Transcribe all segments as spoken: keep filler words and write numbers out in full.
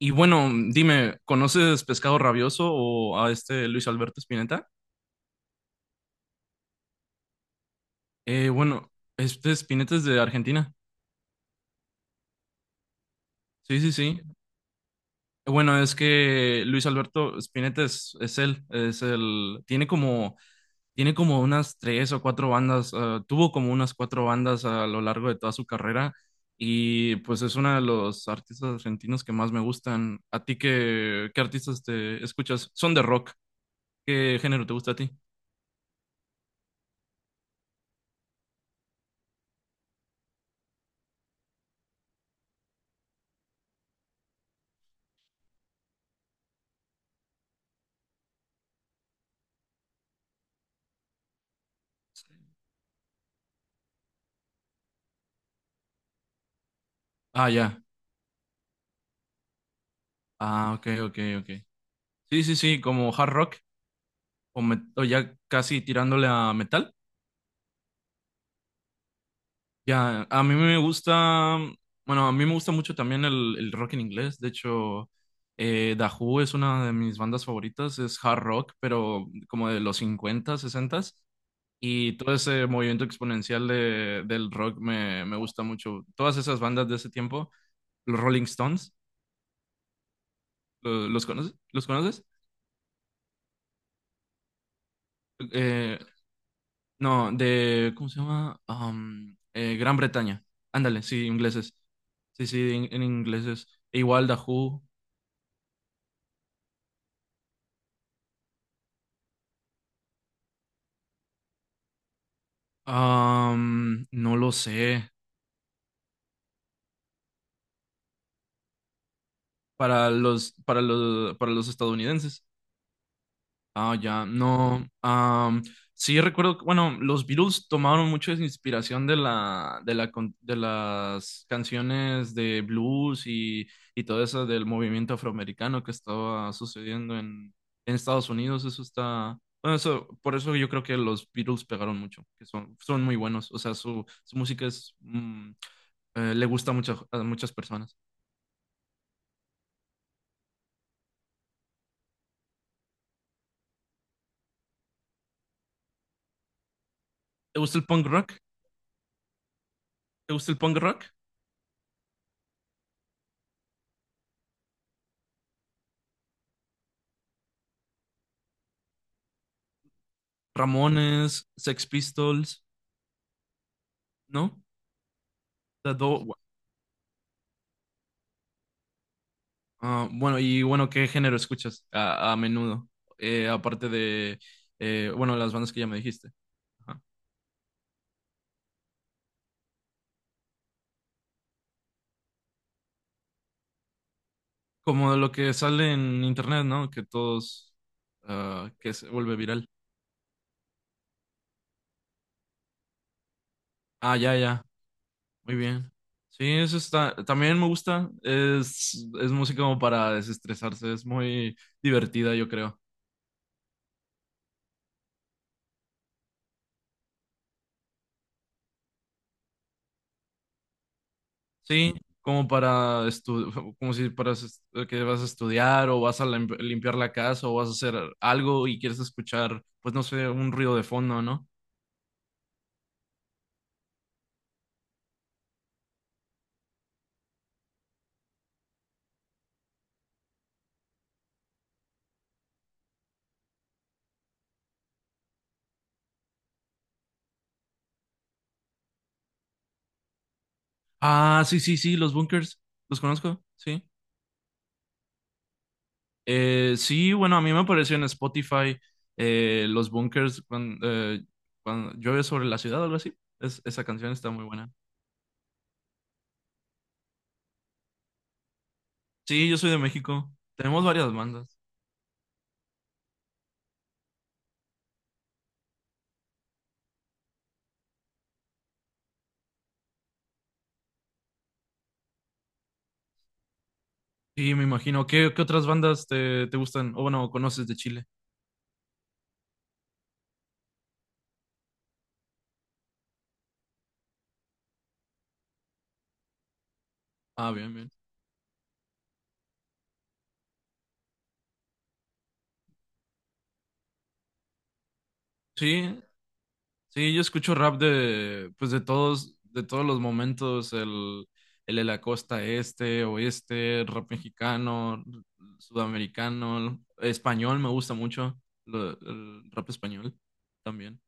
Y bueno, dime, ¿conoces Pescado Rabioso o a este Luis Alberto Spinetta? Eh, bueno, este Spinetta es de Argentina. Sí, sí, sí. Bueno, es que Luis Alberto Spinetta es, es él, es el, tiene como, tiene como unas tres o cuatro bandas, eh, tuvo como unas cuatro bandas a lo largo de toda su carrera y pues es uno de los artistas argentinos que más me gustan. ¿A ti qué, qué artistas te escuchas? Son de rock. ¿Qué género te gusta a ti? Ah, ya. Ah, ok, ok, ok. Sí, sí, sí, como hard rock o, met- o ya casi tirándole a metal. Ya, a mí me gusta, bueno, a mí me gusta mucho también el, el rock en inglés. De hecho, eh, The Who es una de mis bandas favoritas, es hard rock, pero como de los cincuenta, sesenta. Y todo ese movimiento exponencial de, del rock me, me gusta mucho. Todas esas bandas de ese tiempo, los Rolling Stones, ¿lo- ¿los, conoces? ¿Los conoces? Eh, No, de, ¿cómo se llama? Am, eh, Gran Bretaña. Ándale, sí, ingleses. Sí, sí, en, en ingleses. E igual Dahoo. Am, no lo sé. Para los, para los, para los estadounidenses. Ah, ya, no. am, sí, recuerdo, que, bueno, los Beatles tomaron mucho de su inspiración de la, de la, con- de las canciones de blues y, y todo eso del movimiento afroamericano que estaba sucediendo en, en Estados Unidos. Eso está, bueno, eso, por eso yo creo que los Beatles pegaron mucho, que son, son muy buenos. O sea, su, su música es, mm, eh, le gusta mucho a muchas personas. ¿Te gusta el punk rock? ¿Te gusta el punk rock? Ramones, Sex Pistols, ¿no? Las dos, bu- ah, bueno, y bueno, ¿qué género escuchas a, a menudo? Eh, aparte de, eh, bueno, las bandas que ya me dijiste. Ajá. Como lo que sale en internet, ¿no? Que todos, ah, que se vuelve viral. Ah, ya, ya, muy bien. Sí, eso está, también me gusta. Es, es música como para desestresarse, es muy divertida, yo creo. Sí, como para estu- como si para es- eh, que vas a estudiar o vas a lim- limpiar la casa o vas a hacer algo y quieres escuchar, pues no sé, un ruido de fondo, ¿no? Ah, sí, sí, sí, los bunkers, los conozco, sí. Eh, sí, bueno, a mí me apareció en Spotify eh, los bunkers cuando, eh, cuando llueve sobre la ciudad o algo así. Es- esa canción está muy buena. Sí, yo soy de México. Tenemos varias bandas. Sí, me imagino. ¿Qué, qué otras bandas te, te gustan? O bueno, conoces de Chile. Ah, bien, bien. Sí, Sí, yo escucho rap de, pues de todos, de todos los momentos, el, el de la costa este, oeste, rap mexicano, sudamericano, español me gusta mucho, lo- el rap español también.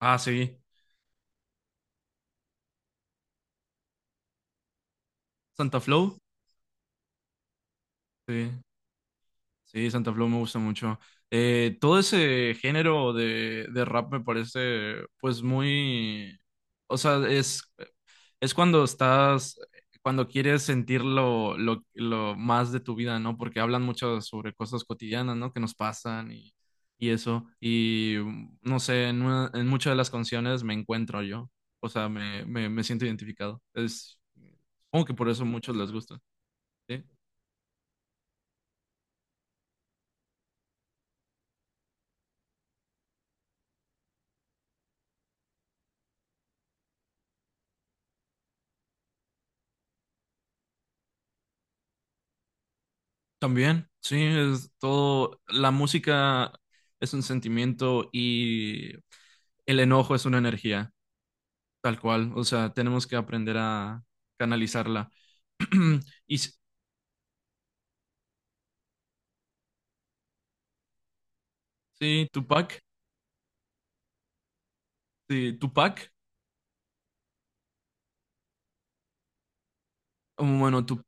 Ah, sí, Santa Flow, sí, sí, Santa Flow me gusta mucho. Eh, todo ese género de, de rap me parece, pues muy, o sea, es es cuando estás, cuando quieres sentir lo, lo, lo más de tu vida, ¿no? Porque hablan mucho sobre cosas cotidianas, ¿no? Que nos pasan y, y eso. Y mm, no sé, en, una- en muchas de las canciones me encuentro yo. O sea, me, me, me siento identificado. Es, como que por eso a muchos les gusta, ¿sí? También, sí, es todo, la música es un sentimiento y el enojo es una energía. Tal cual, o sea, tenemos que aprender a canalizarla. Y s- sí, Tupac, sí, Tupac, um, bueno, tu,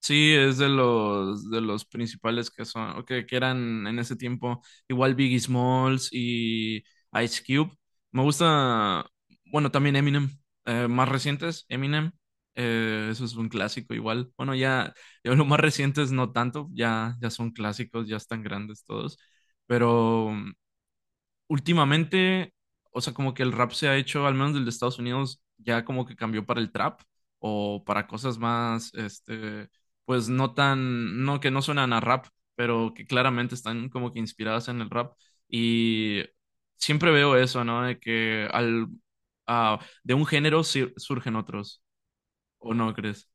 sí, es de los de los principales que son, o que, que eran en ese tiempo, igual Biggie Smalls y Ice Cube. Me gusta, bueno, también Eminem, eh, más recientes, Eminem, eh, eso es un clásico igual. Bueno, ya, ya los más recientes no tanto, ya, ya son clásicos, ya están grandes todos, pero. um, últimamente, o sea, como que el rap se ha hecho, al menos del de Estados Unidos, ya como que cambió para el trap o para cosas más, este, pues no tan, no que no suenan a rap, pero que claramente están como que inspiradas en el rap. Y siempre veo eso, ¿no? De que al, ah, de un género sir- surgen otros, ¿o no crees?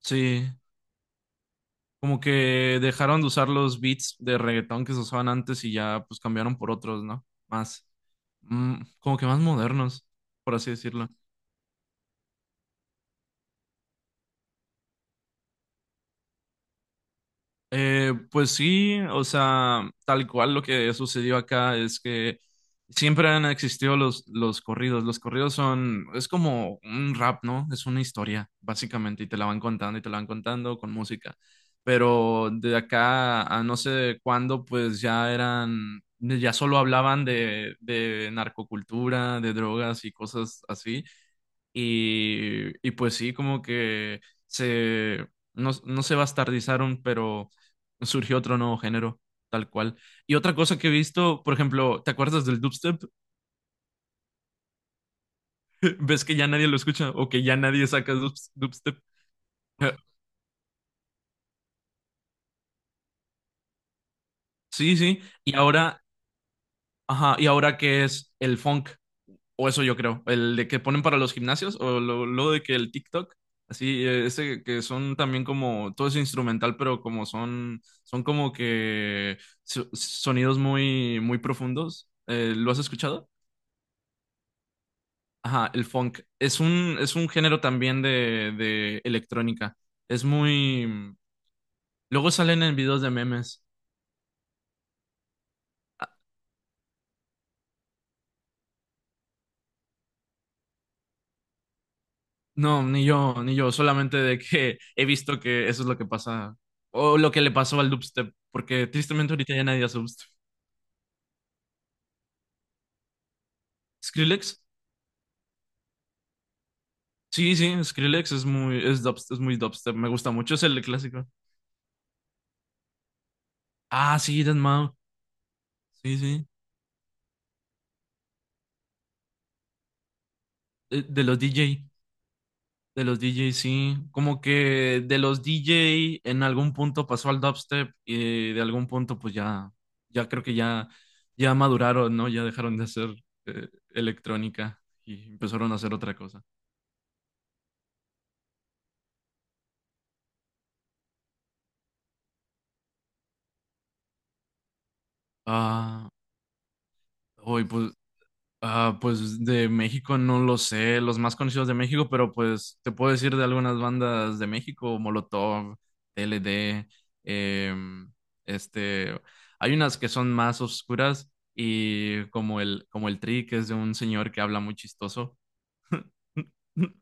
Sí. Como que dejaron de usar los beats de reggaetón que se usaban antes y ya pues cambiaron por otros, ¿no? Más, mm, como que más modernos, por así decirlo. Eh, pues sí, o sea, tal cual lo que sucedió acá es que siempre han existido los, los corridos. Los corridos son, es como un rap, ¿no? Es una historia, básicamente, y te la van contando y te la van contando con música. Pero de acá a no sé cuándo, pues ya eran, ya solo hablaban de, de narcocultura, de drogas y cosas así. Y, y pues sí, como que se, no, no se bastardizaron, pero surgió otro nuevo género, tal cual. Y otra cosa que he visto, por ejemplo, ¿te acuerdas del dubstep? ¿Ves que ya nadie lo escucha o que ya nadie saca dubs- dubstep? Eh, Sí, sí. Y ahora, ajá, y ahora que es el funk. O eso yo creo, el de que ponen para los gimnasios o lo, lo de que el TikTok, así, eh, ese que son también como, todo es instrumental, pero como son, son como que so- sonidos muy, muy profundos. Eh, ¿lo has escuchado? Ajá, el funk. Es un, es un género también de, de electrónica. Es muy... Luego salen en videos de memes. Ah, No, ni yo, ni yo, solamente de que he visto que eso es lo que pasa, o lo que le pasó al dubstep, porque tristemente ahorita ya nadie hace dubstep. Skrillex. Sí, sí, Skrillex es muy, es dubst- es muy dubstep. Me gusta mucho, es el clásico. Ah, sí, Dead Mau. Sí, sí. De, de los D J. De los D J, sí. Como que de los D J en algún punto pasó al dubstep y de algún punto pues ya, ya creo que ya, ya maduraron, ¿no? Ya dejaron de hacer eh, electrónica y empezaron a hacer otra cosa. Ah, hoy pues Ah, pues de México no lo sé, los más conocidos de México, pero pues te puedo decir de algunas bandas de México, Molotov, T L D, em, este, hay unas que son más oscuras y como el, como el Tri, que es de un señor que habla muy chistoso.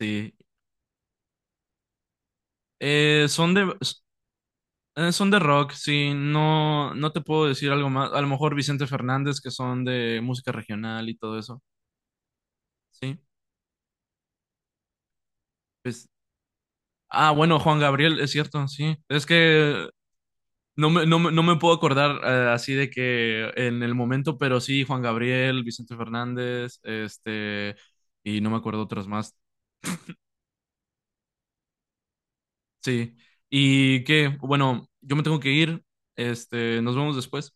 Sí, Eh, son de, eh, son de rock, sí, no, no te puedo decir algo más, a lo mejor Vicente Fernández, que son de música regional y todo eso, sí, pues Ah, bueno, Juan Gabriel, es cierto, sí. Es que no me, no me, no me puedo acordar eh, así de que en el momento, pero sí, Juan Gabriel, Vicente Fernández, este, y no me acuerdo otros más. Sí. Y que, bueno, yo me tengo que ir. Este, nos vemos después.